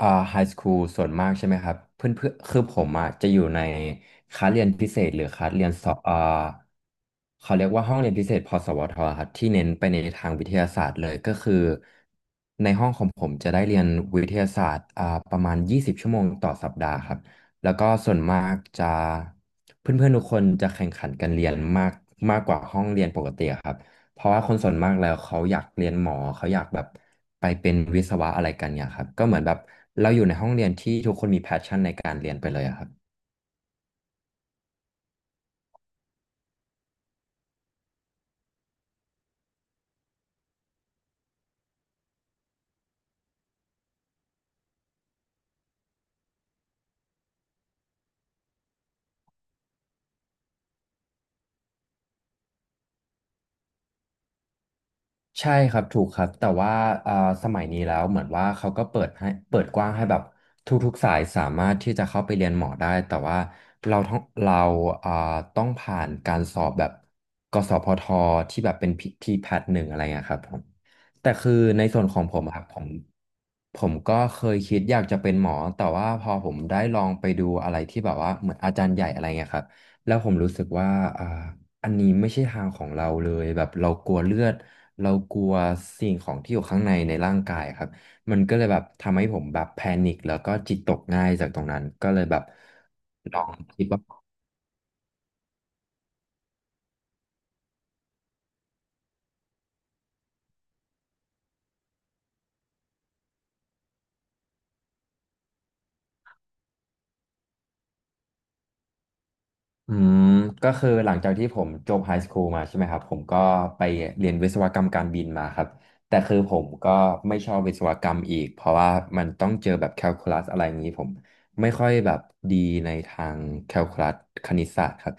ไฮสคูลส่วนมากใช่ไหมครับเพื่อนเพื่อคือผมอ่ะจะอยู่ในคลาสเรียนพิเศษหรือคลาสเรียนสอบเขาเรียกว่าห้องเรียนพิเศษพสวทครับที่เน้นไปในทางวิทยาศาสตร์เลยก็คือในห้องของผมจะได้เรียนวิทยาศาสตร์ประมาณ20ชั่วโมงต่อสัปดาห์ครับแล้วก็ส่วนมากจะเพื่อนๆทุกคนจะแข่งขันกันเรียนมากมากกว่าห้องเรียนปกติครับ เพราะว่าคนส่วนมากแล้วเขาอยากเรียนหมอเขาอยากแบบไปเป็นวิศวะอะไรกันเนี่ยครับก็เหมือนแบบเราอยู่ในห้องเรียนที่ทุกคนมีแพชชั่นในการเรียนไปเลยอะครับ ใช่ครับถูกครับแต่ว่าอ่าสมัยนี้แล้วเหมือนว่าเขาก็เปิดให้เปิดกว้างให้แบบทุกๆสายสามารถที่จะเข้าไปเรียนหมอได้แต่ว่าเราต้องเราอ่าต้องผ่านการสอบแบบกสพทที่แบบเป็นทีแพทหนึ่งอะไรเงี้ยครับผมแต่คือในส่วนของผมอะครับผมผมก็เคยคิดอยากจะเป็นหมอแต่ว่าพอผมได้ลองไปดูอะไรที่แบบว่าเหมือนอาจารย์ใหญ่อะไรเงี้ยครับแล้วผมรู้สึกว่าอ่า อันนี้ไม่ใช่ทางของเราเลยแบบเรากลัวเลือดเรากลัวสิ่งของที่อยู่ข้างในในร่างกายครับมันก็เลยแบบทำให้ผมแบบแพนิคแล้วก็จิตตกง่ายจากตรงนั้นก็เลยแบบลองคิดว่า อืมก็คือหลังจากที่ผมจบไฮสคูลมาใช่ไหมครับผมก็ไปเรียนวิศวกรรมการบินมาครับแต่คือผมก็ไม่ชอบวิศวกรรมอีกเพราะว่ามันต้องเจอแบบแคลคูลัสอะไรอย่างนี้ผมไม่ค่อยแบบดีในทางแคลคูลัสคณิตศาสตร์ครับ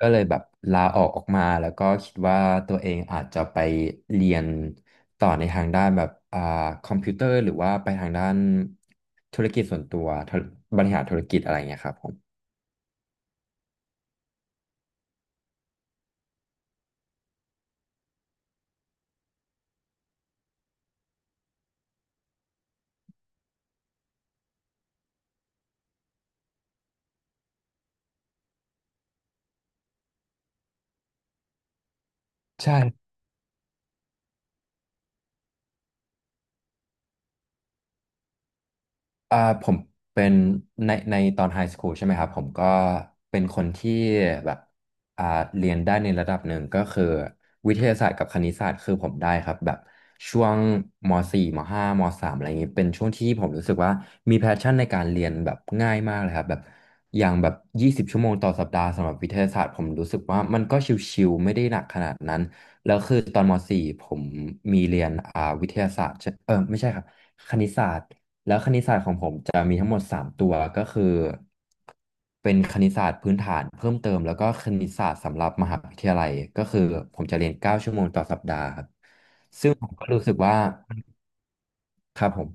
ก็เลยแบบลาออกออกมาแล้วก็คิดว่าตัวเองอาจจะไปเรียนต่อในทางด้านแบบคอมพิวเตอร์หรือว่าไปทางด้านธุรกิจส่วนตัวบริหารธุรกิจอะไรอย่างเงี้ยครับผมใช่ ผมเป็นในตอนไฮสคูลใช่ไหมครับผมก็เป็นคนที่แบบอ่าเรียนได้ในระดับหนึ่งก็คือวิทยาศาสตร์กับคณิตศาสตร์คือผมได้ครับแบบช่วงม .4 ม .5 ม .3 อะไรอย่างนี้เป็นช่วงที่ผมรู้สึกว่ามีแพชชั่นในการเรียนแบบง่ายมากเลยครับแบบอย่างแบบ20ชั่วโมงต่อสัปดาห์สำหรับวิทยาศาสตร์ผมรู้สึกว่ามันก็ชิวๆไม่ได้หนักขนาดนั้นแล้วคือตอนมสี่ผมมีเรียนวิทยาศาสตร์ใช่เออไม่ใช่ครับคณิตศาสตร์ ทั้งหมด3 ตัวก็คือเป็นคณิตศาสตร์พื้นฐานเพิ่มเติมแล้วก็คณิตศาสตร์สำหรับมหาวิทยาลัยก็คือผมจะเรียน9 ชั่วโมงต่อสัปดาห์ครับก็รู้สึกว่าครับผม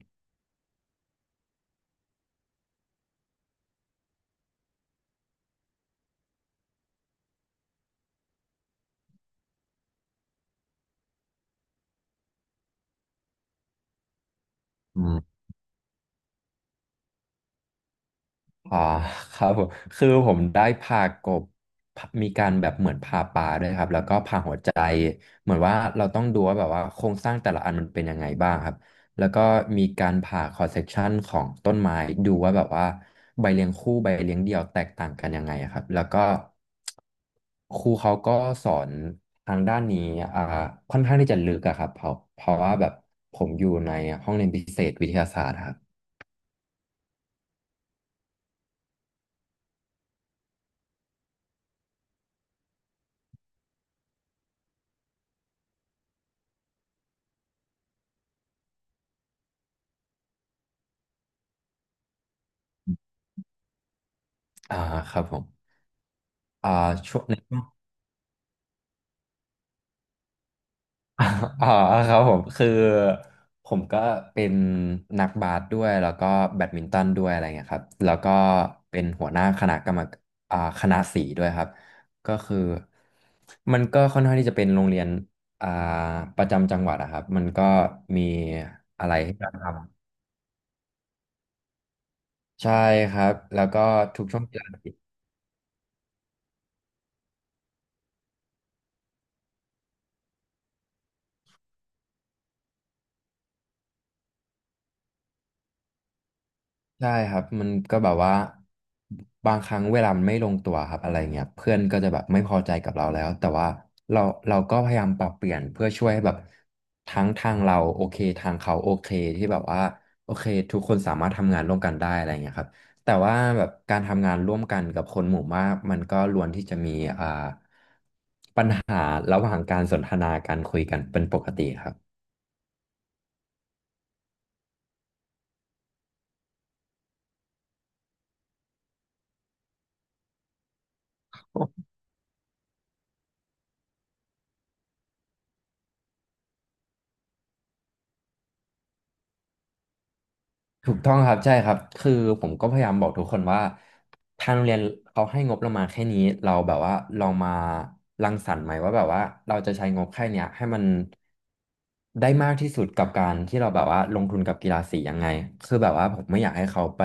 ม อ่าครับผมคือผมได้พากบพามีการแบบเหมือนผ่าปลาด้วยครับแล้วก็ผ่าหัวใจเหมือนว่าเราต้องดูว่าแบบว่าโครงสร้างแต่ละอันมันเป็นยังไงบ้างครับแล้วก็มีการผ่าคอสเซกชันของต้นไม้ดูว่าแบบว่าใบเลี้ยงคู่ใบเลี้ยงเดี่ยวแตกต่างกันยังไงครับแล้วก็ครูเขาก็สอนทางด้านนี้อ่าค่อนข้างที่จะลึกอะครับเพราะว่าแบบผมอยู่ในห้องเรียนพิเศษวิทยาศาสตร์ครับอ่าครับผมอ่าช่วง อ๋อครับผมคือผมก็เป็นนักบาสด้วยแล้วก็แบดมินตันด้วยอะไรเงี้ยครับแล้วก็เป็นหัวหน้าคณะกรรมคณะสีด้วยครับก็คือมันก็ค่อนข้างที่จะเป็นโรงเรียนอ่าประจำจังหวัดอะครับมันก็มีอะไรใช่ครับแล้วก็ทุกช่วงเวลา ใช่ครับมันก็แบบว่าบางครั้งเวลามันไม่ลงตัวครับอะไรเงี้ยเพื่อนก็จะแบบไม่พอใจกับเราแล้วแต่ว่าเราเราก็พยายามปรับเปลี่ยนเพื่อช่วยให้แบบทั้งทางเราโอเคทางเขาโอเคที่แบบว่าโอเคทุกคนสามารถทำงานร่วมกันได้อะไรเงี้ยครับแต่ว่าแบบการทำงานร่วมกันกับคนหมู่มากมันก็ล้วนที่จะมีอ่าปัญหาระหว่างการสนทนาการคุยกันเป็นปกติครับ ถูกต้องครับใช่ครับคือผมก็พยายามบอกทุกคนว่าทางโรงเรียนเขาให้งบเรามาแค่นี้เราแบบว่าลองมารังสรรค์ไหมว่าแบบว่าเราจะใช้งบแค่เนี้ยให้มันได้มากที่สุดกับการที่เราแบบว่าลงทุนกับกีฬาสียังไงคือแบบว่าผมไม่อยากให้เขาไป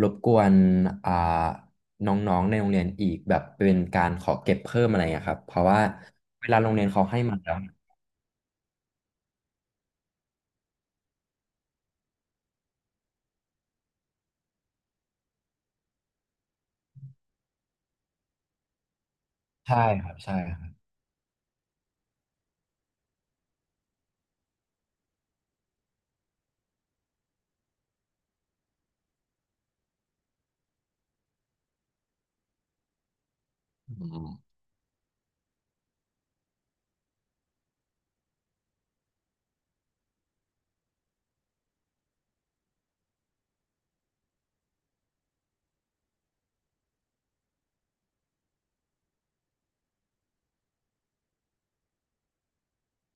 รบกวนอ่าน้องๆในโรงเรียนอีกแบบเป็นการขอเก็บเพิ่มอะไรอย่างเครับเพราะว่าใช่ครับใช่ครับอืม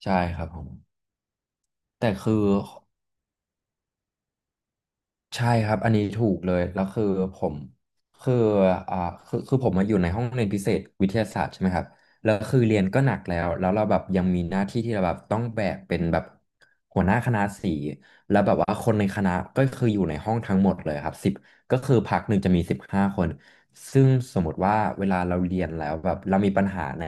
ใช่ครับผมแต่คือ ใช่ครับอันนี้ถูกเลยแล้วคือผมคืออ่าคือผมมาอยู่ในห้องเรียนพิเศษวิทยาศาสตร์ใช่ไหมครับแล้วคือเรียนก็หนักแล้วแล้วเราแบบยังมีหน้าที่ที่เราแบบต้องแบกเป็นแบบหัวหน้าคณะสีแล้วแบบว่าคนในคณะก็คืออยู่ในห้องทั้งหมดเลยครับสิบก็คือพักหนึ่งจะมีสิบห้าคนซึ่งสมมติว่าเวลาเราเรียนแล้วแบบเรามีปัญหาใน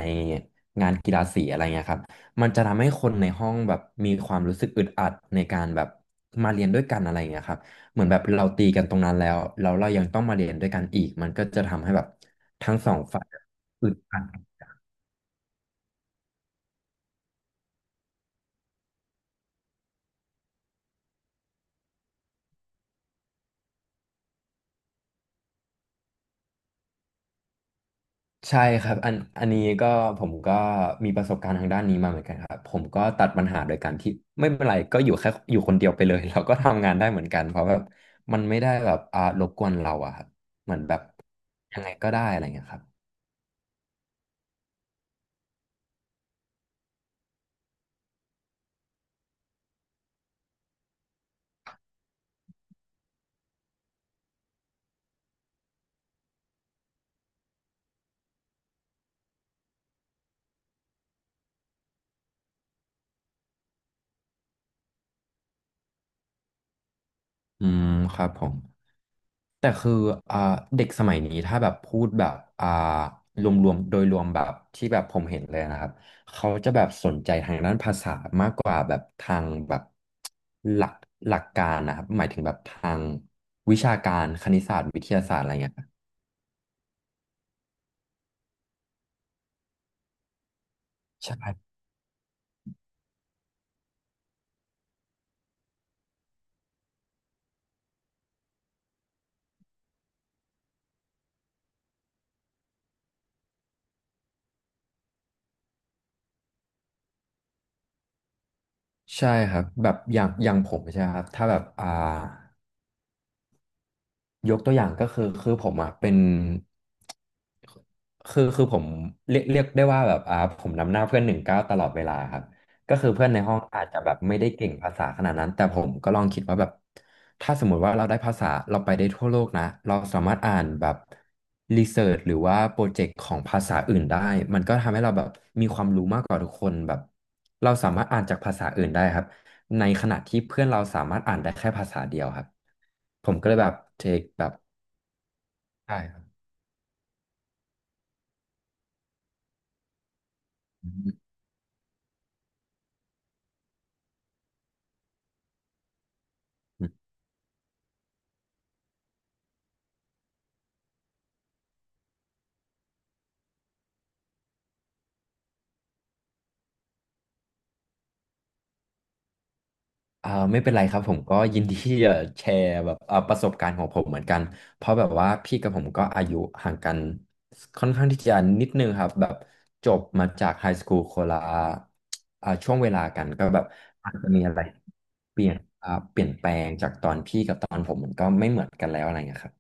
งานกีฬาสีอะไรเงี้ยครับมันจะทำให้คนในห้องแบบมีความรู้สึกอึดอัดในการแบบมาเรียนด้วยกันอะไรอย่างเงี้ยครับ เหมือนแบบเราตีกันตรงนั้นแล้วแล้วเรายังต้องมาเรียนด้วยกันอีกมันก็จะทำให้แบบทั้งสองฝ่ายอึดอัดใช่ครับอันนี้ก็ผมก็มีประสบการณ์ทางด้านนี้มาเหมือนกันครับผมก็ตัดปัญหาโดยการที่ไม่เป็นไรก็อยู่แค่อยู่คนเดียวไปเลย เราก็ทำงานได้เหมือนกันเพราะแบบมันไม่ได้แบบรบกวนเราอะครับเหมือนแบบยังไงก็ได้อะไรเงี้ยครับอืมครับผม แต่คืออ่าเด็กสมัยนี้ถ้าแบบพูดแบบอ่ารวมๆโดยรวมแบบที่แบบผมเห็นเลยนะครับเขาจะแบบสนใจทางด้านภาษามากกว่าแบบทางแบบหลักหลักการนะครับหมายถึงแบบทางวิชาการคณิตศาสตร์วิทยาศาสตร์อะไรเงี้ยครับใช่ใช่ครับแบบอย่างอย่างผมใช่ไหมครับถ้าแบบยกตัวอย่างก็คือผมอ่ะเป็น คคือผมเรียกได้ว่าแบบผมนำหน้าเพื่อนหนึ่งเก้าตลอดเวลาครับก็คือเพื่อนในห้องอาจจะแบบไม่ได้เก่งภาษาขนาดนั้นแต่ผมก็ลองคิดว่าแบบถ้าสมมุติว่าเราได้ภาษาเราไปได้ทั่วโลกนะเราสามารถอ่านแบบรีเสิร์ชหรือว่าโปรเจกต์ของภาษาอื่นได้มันก็ทำให้เราแบบมีความรู้มากกว่าทุกคนแบบเราสามารถอ่านจากภาษาอื่นได้ครับในขณะที่เพื่อนเราสามารถอ่านได้แค่ภาษาเดียวครับผมก็เลยแบบเทคแบบใช่ครับ ไม่เป็นไรครับผมก็ยินดีที่จะแชร์แบบประสบการณ์ของผมเหมือนกันเพราะแบบว่าพี่กับผมก็อายุห่างกันค่อนข้างที่จะนิดนึงครับแบบจบมาจากไฮสคูลคนละช่วงเวลากันก็แบบอาจจะมีอะไรเปลี่ยนเปลี่ยนแปลงจากตอนพี่กับตอนผมมันก็ไม่เหมือนกันแล้วอะไรเงี้ยครับ